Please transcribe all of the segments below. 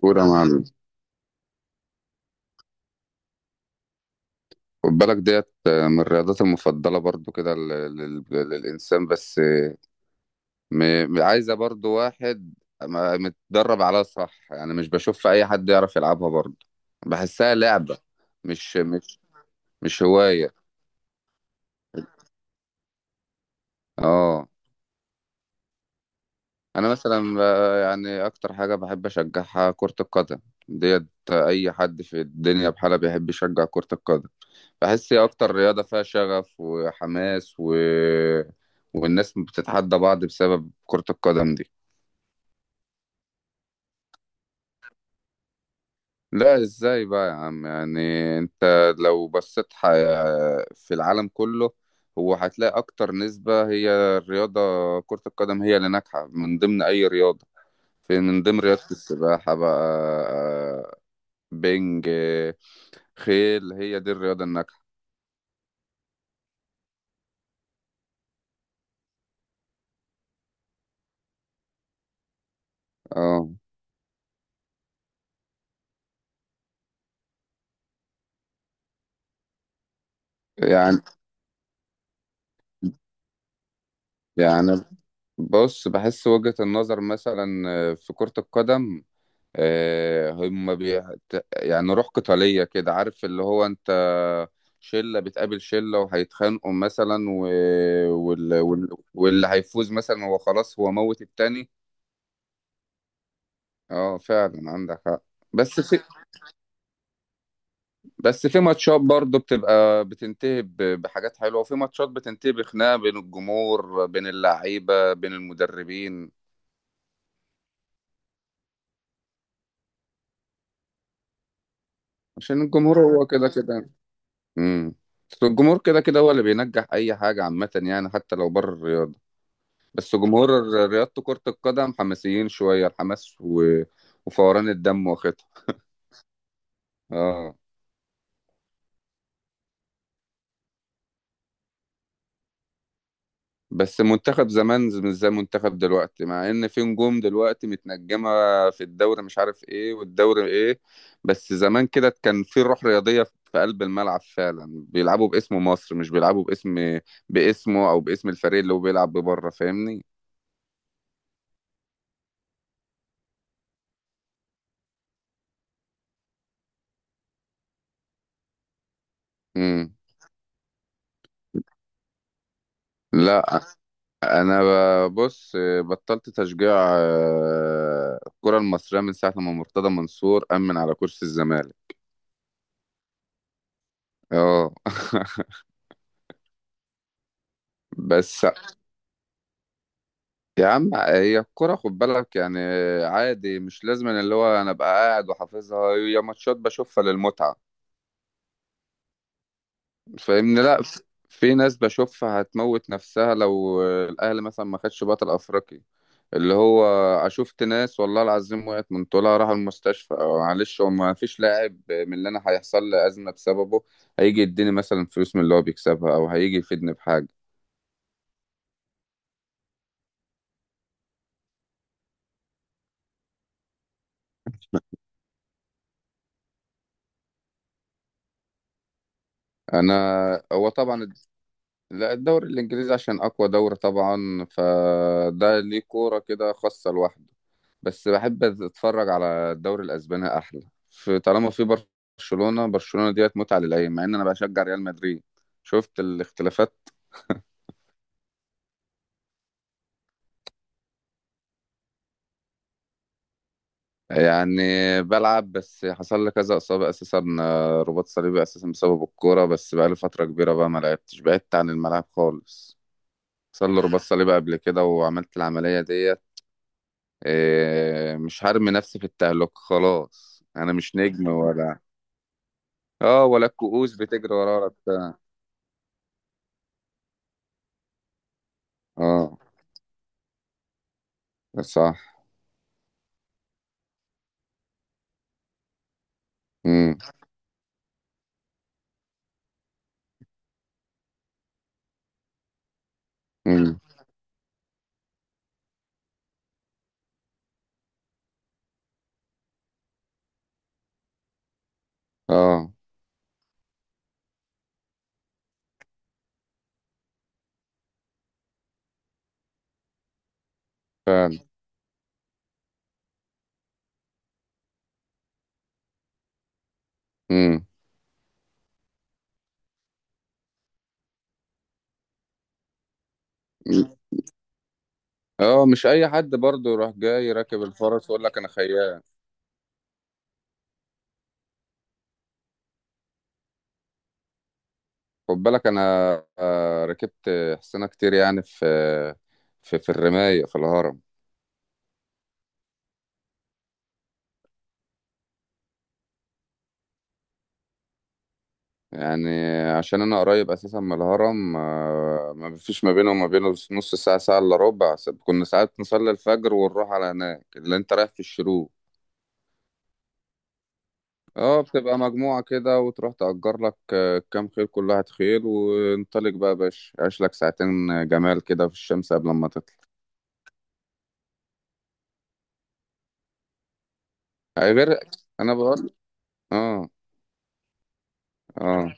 كورة يا معلم. خد بالك ديت من الرياضات المفضلة برضو كده للإنسان. بس عايزة برضو واحد متدرب عليها، صح؟ يعني مش بشوف أي حد يعرف يلعبها برضو، بحسها لعبة. مش مش مش هواية. اه. أنا مثلا يعني أكتر حاجة بحب أشجعها كرة القدم ديت. أي حد في الدنيا بحالة بيحب يشجع كرة القدم. بحس هي اكتر رياضة فيها شغف وحماس والناس بتتحدى بعض بسبب كرة القدم دي. لا، ازاي بقى يا عم يعني. انت لو بصيت في العالم كله، هو هتلاقي اكتر نسبة هي الرياضة. كرة القدم هي اللي ناجحة من ضمن اي رياضة، في من ضمن رياضة السباحة بقى، بينج، خيل. هي دي الرياضة الناجحة. اه. يعني. يعني بص، بحس وجهة النظر مثلا في كرة القدم، آه، هم بي... يعني روح قتالية كده، عارف اللي هو انت شلة بتقابل شلة وهيتخانقوا مثلا وال... وال... واللي هيفوز مثلا هو خلاص هو موت التاني. اه فعلا عندك حق. بس في بس في ماتشات برضه بتبقى بتنتهي بحاجات حلوة، وفي ماتشات بتنتهي بخناقة بين الجمهور بين اللعيبة بين المدربين. عشان الجمهور هو كده كده. امم بس الجمهور كده كده هو اللي بينجح اي حاجه عامه يعني، حتى لو بره الرياضه. بس جمهور رياضه كره القدم حماسيين شويه، الحماس وفوران الدم واخدها. اه. بس منتخب زمان مش زي منتخب دلوقتي، مع ان في نجوم دلوقتي متنجمه في الدوري، مش عارف ايه والدوري ايه. بس زمان كده كان في روح رياضيه في قلب الملعب، فعلا بيلعبوا باسم مصر مش بيلعبوا باسم باسمه او باسم الفريق اللي هو بيلعب بره. فاهمني؟ امم. لا، انا بص، بطلت تشجيع الكره المصريه من ساعه لما مرتضى منصور امن على كرسي الزمالك. اه بس يا عم هي الكره خد بالك يعني، عادي مش لازم إن اللي هو انا ابقى قاعد وحافظها. هي ماتشات بشوفها للمتعه، فاهمني؟ لا في ناس بشوفها هتموت نفسها لو الاهلي مثلا ما خدش بطل افريقي. اللي هو شفت ناس والله العظيم وقعت من طولها راحوا المستشفى. معلش، هو ما فيش لاعب من اللي انا هيحصل لي ازمه بسببه. هيجي يديني مثلا فلوس من اللي هو بيكسبها، او هيجي يفيدني بحاجه؟ انا؟ هو طبعا. لا الدوري الإنجليزي عشان أقوى دوري طبعا، فده ليه كورة كده خاصة لوحده. بس بحب أتفرج على الدوري الأسباني، أحلى في، طالما في برشلونة. برشلونة ديت متعة للعين، مع إن أنا بشجع ريال مدريد. شفت الاختلافات. يعني بلعب، بس حصل لي كذا إصابة أساسا، رباط صليبي أساسا بسبب الكورة. بس بقالي فترة كبيرة بقى ما لعبتش، بعدت عن الملعب خالص. حصل لي رباط صليبي قبل كده وعملت العملية ديت. إيه، مش هرمي نفسي في التهلكة. خلاص انا مش نجم ولا. اه، ولا الكؤوس بتجري ورايا ولا بتاع. اه صح. امم. امم. اه فعلا. امم. اه، مش اي حد برضه يروح جاي راكب الفرس ويقول لك انا خيال. خد بالك انا ركبت حصانة كتير يعني، في الرماية في الهرم. يعني عشان انا قريب اساسا من الهرم. ما فيش ما بينه وما بينه نص ساعه، ساعه الا ربع. كنا ساعات نصلي الفجر ونروح على هناك اللي انت رايح في الشروق. اه، بتبقى مجموعه كده وتروح تأجر لك كام خيل، كل واحد خيل، وانطلق بقى يا باشا، عيش لك ساعتين جمال كده في الشمس قبل ما تطلع. أي غير. انا بقول. اه. اه.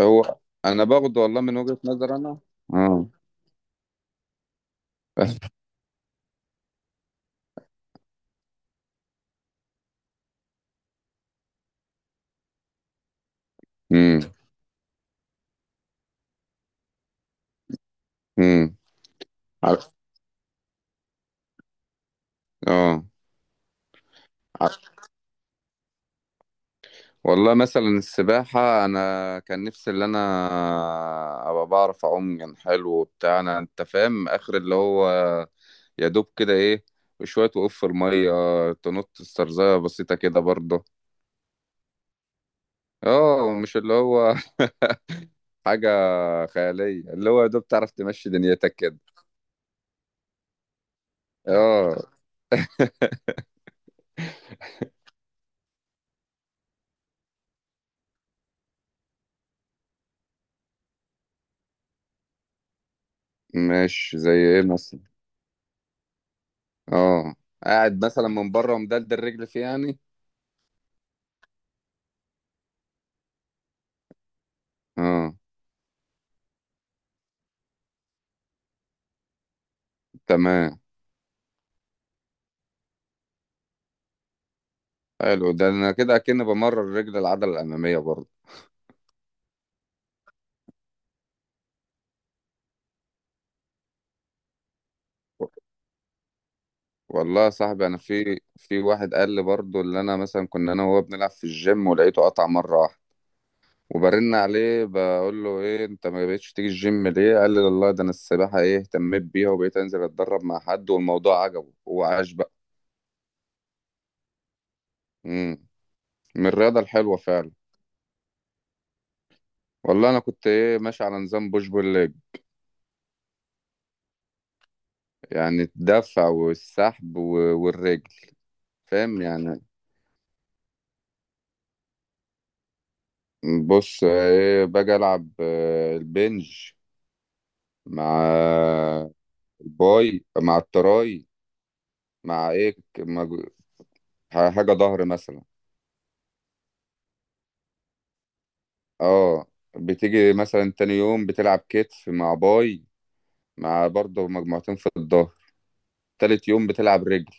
هو انا باخد والله من وجهة نظر انا. اه. امم. امم. اه. والله مثلا السباحة أنا كان نفسي اللي أنا أبقى بعرف أعوم كان حلو وبتاع. أنا، أنت فاهم، آخر اللي هو يا دوب كده إيه، شوية وقف في المية، تنط، استرزاية بسيطة كده برضه. اه، مش اللي هو حاجة خيالية، اللي هو يا دوب تعرف تمشي دنيتك كده. اه، مش زي إيه مثلا. اه، قاعد مثلا من بره ومدلدل رجلي فيه يعني. اه. تمام. حلو ده، أنا كده أكن بمرن رجل العضلة الأمامية برضه. والله يا صاحبي انا في في واحد قال لي برضه، اللي انا مثلا كنا انا وهو بنلعب في الجيم، ولقيته قطع مره واحده وبرن عليه. بقول له ايه انت ما بقتش تيجي الجيم ليه؟ قال لي والله ده انا السباحه ايه اهتميت بيها وبقيت انزل اتدرب مع حد والموضوع عجبه وعاش بقى. امم. من الرياضه الحلوه فعلا. والله انا كنت ايه ماشي على نظام بوش بول ليج. يعني الدفع والسحب والرجل، فاهم يعني. بص ايه، باجي العب البنج مع الباي مع التراي، مع ايه مع حاجة ظهر مثلا. اه. بتيجي مثلا تاني يوم بتلعب كتف مع باي، مع برضه مجموعتين في الظهر. تالت يوم بتلعب رجل.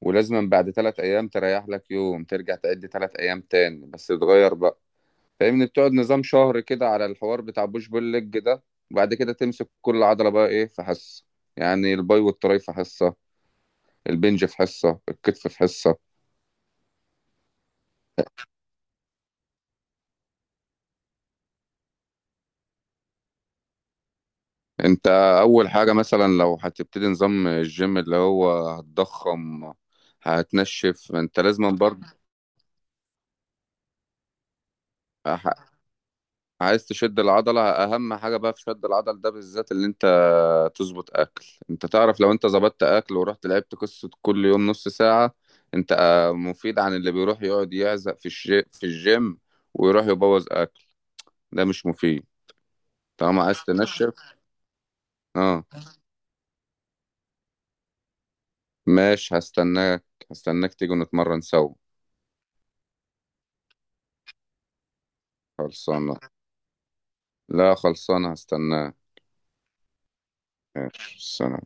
ولازم بعد تلات أيام تريح لك يوم ترجع تعد تلات أيام تاني، بس تتغير بقى، فاهمني؟ بتقعد نظام شهر كده على الحوار بتاع بوش بول ليج ده، وبعد كده تمسك كل عضلة بقى ايه في حصة. يعني الباي والتراي في حصة، البنج في حصة، الكتف في حصة. انت اول حاجة مثلا لو هتبتدي نظام الجيم، اللي هو هتضخم، هتنشف، انت لازم برضه. ح- عايز تشد العضلة، اهم حاجة بقى في شد العضل ده بالذات اللي انت تظبط اكل. انت تعرف لو انت ظبطت اكل ورحت لعبت قصة كل يوم نص ساعة، انت مفيد عن اللي بيروح يقعد يعزق في الجيم ويروح يبوظ اكل. ده مش مفيد، طالما عايز تنشف. اه، ماشي، هستناك. هستناك تيجي نتمرن سوا. خلصانة. لا خلصانة، هستناك. ماشي، سلام.